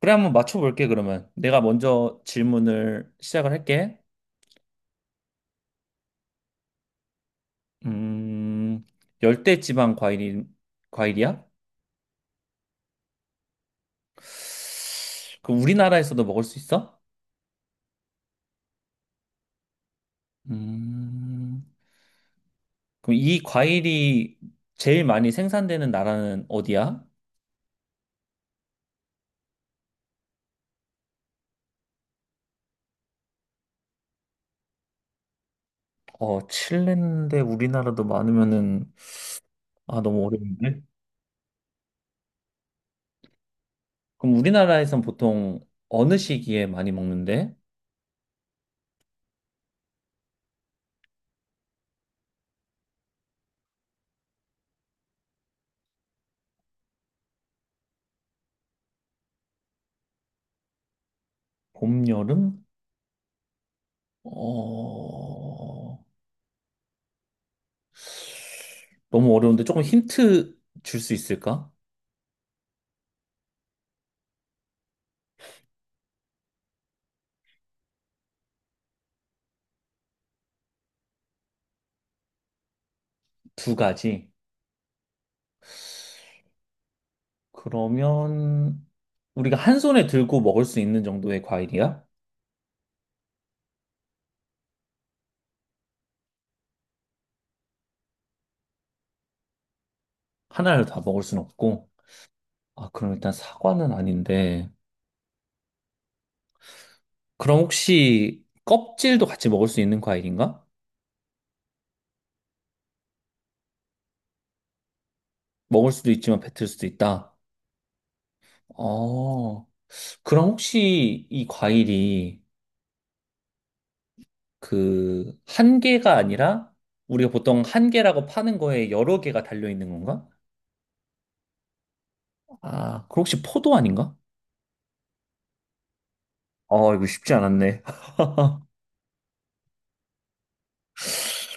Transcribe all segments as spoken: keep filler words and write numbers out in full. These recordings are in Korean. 그래, 한번 맞춰볼게, 그러면. 내가 먼저 질문을 시작을 할게. 음, 열대지방 과일이, 과일이야? 그럼 우리나라에서도 먹을 수 있어? 음, 그럼 이 과일이 제일 많이 생산되는 나라는 어디야? 어, 칠레인데 우리나라도 많으면은, 아, 너무 어려운데? 그럼 우리나라에선 보통 어느 시기에 많이 먹는데? 봄, 여름? 어, 너무 어려운데 조금 힌트 줄 수 있을까? 두 가지. 그러면 우리가 한 손에 들고 먹을 수 있는 정도의 과일이야? 하나를 다 먹을 순 없고. 아, 그럼 일단 사과는 아닌데. 그럼 혹시 껍질도 같이 먹을 수 있는 과일인가? 먹을 수도 있지만 뱉을 수도 있다. 어, 그럼 혹시 이 과일이 그 한 개가 아니라 우리가 보통 한 개라고 파는 거에 여러 개가 달려 있는 건가? 아, 그럼 혹시 포도 아닌가? 어, 이거 쉽지 않았네.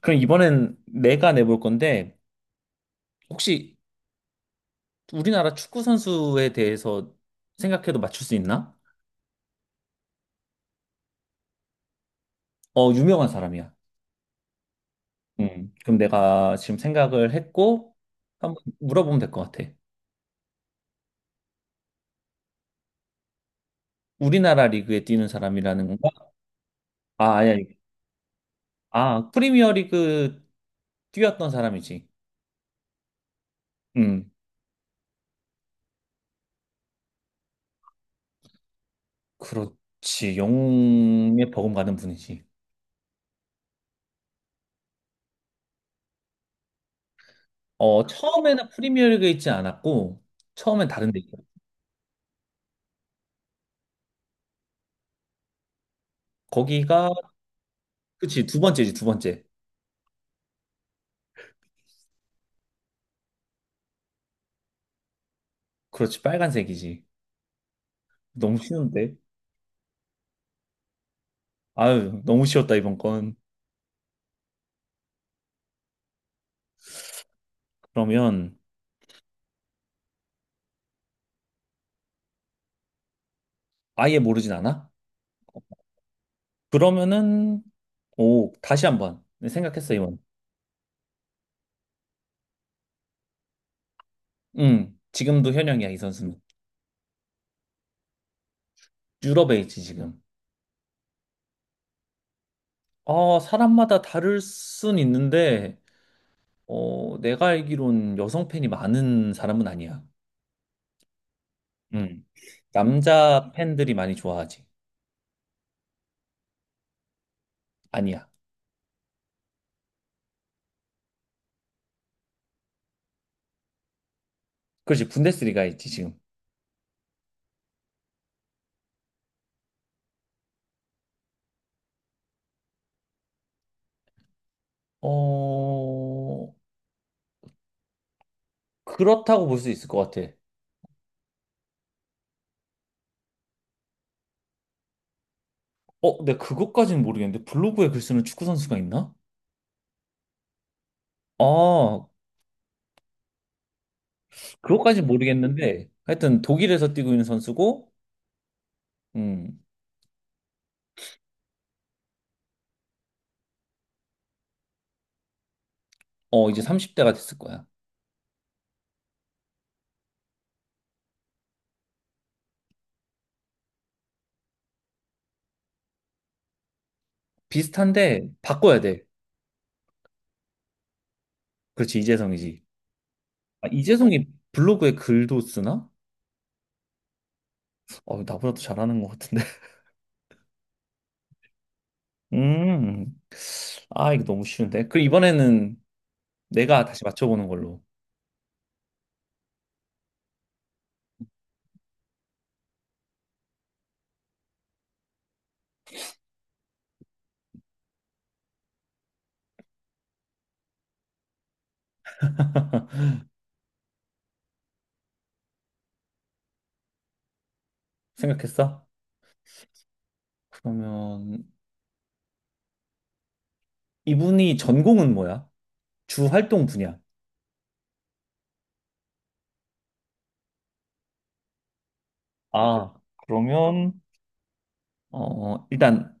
그럼 이번엔 내가 내볼 건데, 혹시 우리나라 축구 선수에 대해서 생각해도 맞출 수 있나? 어, 유명한 사람이야. 음, 그럼 내가 지금 생각을 했고, 한번 물어보면 될 것 같아. 우리나라 리그에 뛰는 사람이라는 건가? 아, 아니, 야. 아, 프리미어 리그 뛰었던 사람이지. 음, 그렇지. 영웅에 버금가는 분이지. 어, 처음에는 프리미어 리그에 있지 않았고, 처음엔 다른 데 있어. 거기가 그치, 두 번째지, 두 번째. 그렇지, 빨간색이지. 너무 쉬운데? 아유, 너무 쉬웠다, 이번 건. 그러면, 아예 모르진 않아? 그러면은, 오, 다시 한번 생각했어, 이번. 응, 지금도 현역이야, 이 선수는. 유럽에 있지, 지금. 아, 사람마다 다를 순 있는데, 어, 내가 알기론 여성 팬이 많은 사람은 아니야. 응. 남자 팬들이 많이 좋아하지. 아니야. 그렇지, 분데스리가 있지, 지금. 어, 그렇다고 볼 수 있을 것 같아. 어, 내가 그것까지는 모르겠는데 블로그에 글 쓰는 축구 선수가 있나? 아, 그것까지는 모르겠는데 하여튼 독일에서 뛰고 있는 선수고, 음, 어 이제 삼십 대가 됐을 거야. 비슷한데 바꿔야 돼. 그렇지, 이재성이지. 아, 이재성이 블로그에 글도 쓰나? 어, 나보다 더 잘하는 것 같은데. 음, 아 이거 너무 쉬운데. 그럼 이번에는 내가 다시 맞춰보는 걸로. 생각했어? 그러면 이분이 전공은 뭐야? 주 활동 분야. 아, 그러면, 어, 일단,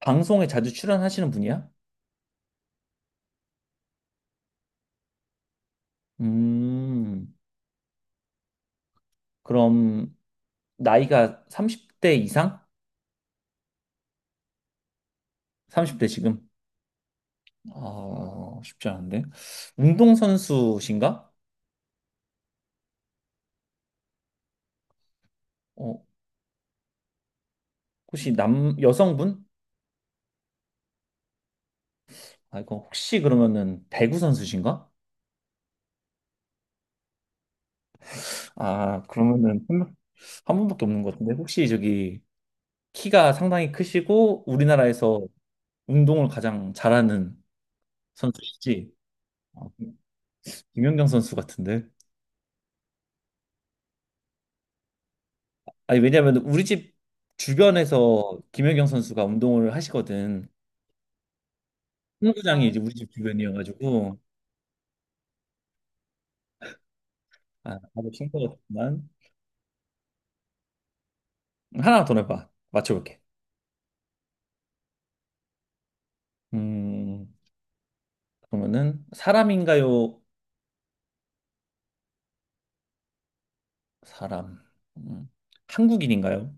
방송에 자주 출연하시는 분이야? 음, 그럼, 나이가 삼십 대 이상? 삼십 대 지금? 아, 쉽지 않은데. 운동선수신가? 어, 혹시 남, 여성분? 아, 이거 혹시 그러면은 배구 선수신가? 아, 그러면은 한 분- 한 분밖에 없는 것 같은데. 혹시 저기, 키가 상당히 크시고, 우리나라에서 운동을 가장 잘하는 선수시지? 아, 김연경 선수 같은데? 아니, 왜냐면 우리 집 주변에서 김연경 선수가 운동을 하시거든. 아, 승부장이 이제 우리 집 주변이어가지고, 아, 바로 친구였지만, 하나 더 내봐. 맞춰볼게. 음, 그러면은, 사람인가요? 사람. 음, 한국인인가요?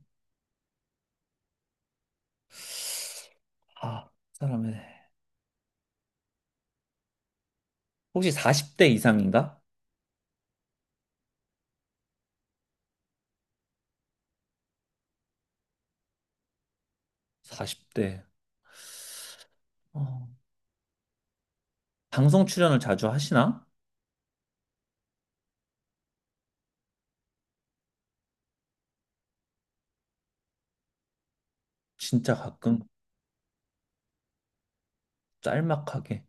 아, 사람의. 혹시 사십 대 이상인가? 사십 대. 어, 방송 출연을 자주 하시나? 진짜 가끔, 짤막하게.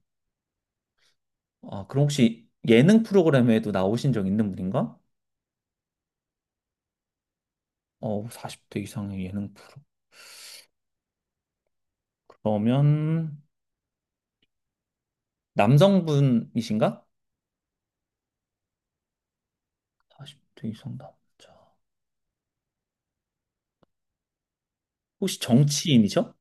아, 그럼 혹시 예능 프로그램에도 나오신 적 있는 분인가? 어, 사십 대 이상의 예능 프로. 그러면 남성분이신가? 사십 대 이상 남자. 혹시 정치인이죠?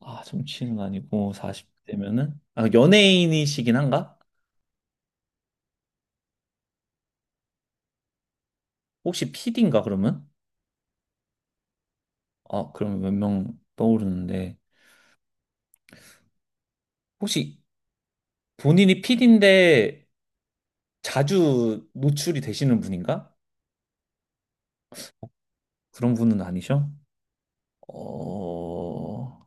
아, 정치인은 아니고 사십 대면은 아, 연예인이시긴 한가? 혹시 피디인가 그러면? 아, 그러면 몇 명 떠오르는데 혹시 본인이 피디인데 자주 노출이 되시는 분인가? 그런 분은 아니셔? 어...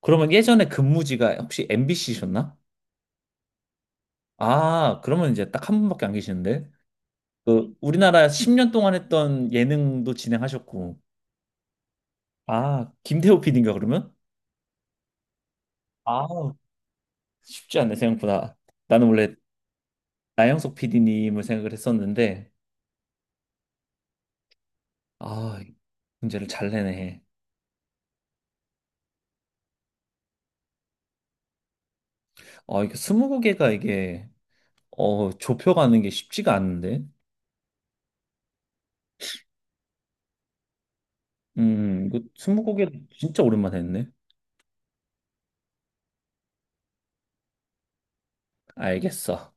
그러면 예전에 근무지가 혹시 엠비씨셨나? 아, 그러면 이제 딱 한 분밖에 안 계시는데. 그 우리나라 십 년 동안 했던 예능도 진행하셨고. 아, 김태호 피디인가 그러면? 아, 쉽지 않네 생각보다. 나는 원래 나영석 피디님을 생각을 했었는데 아, 문제를 잘 내네. 아, 이게 이십 개가 이게 어, 좁혀가는 게 쉽지가 않은데. 음, 이거 이십 개 진짜 오랜만에 했네. 알겠어.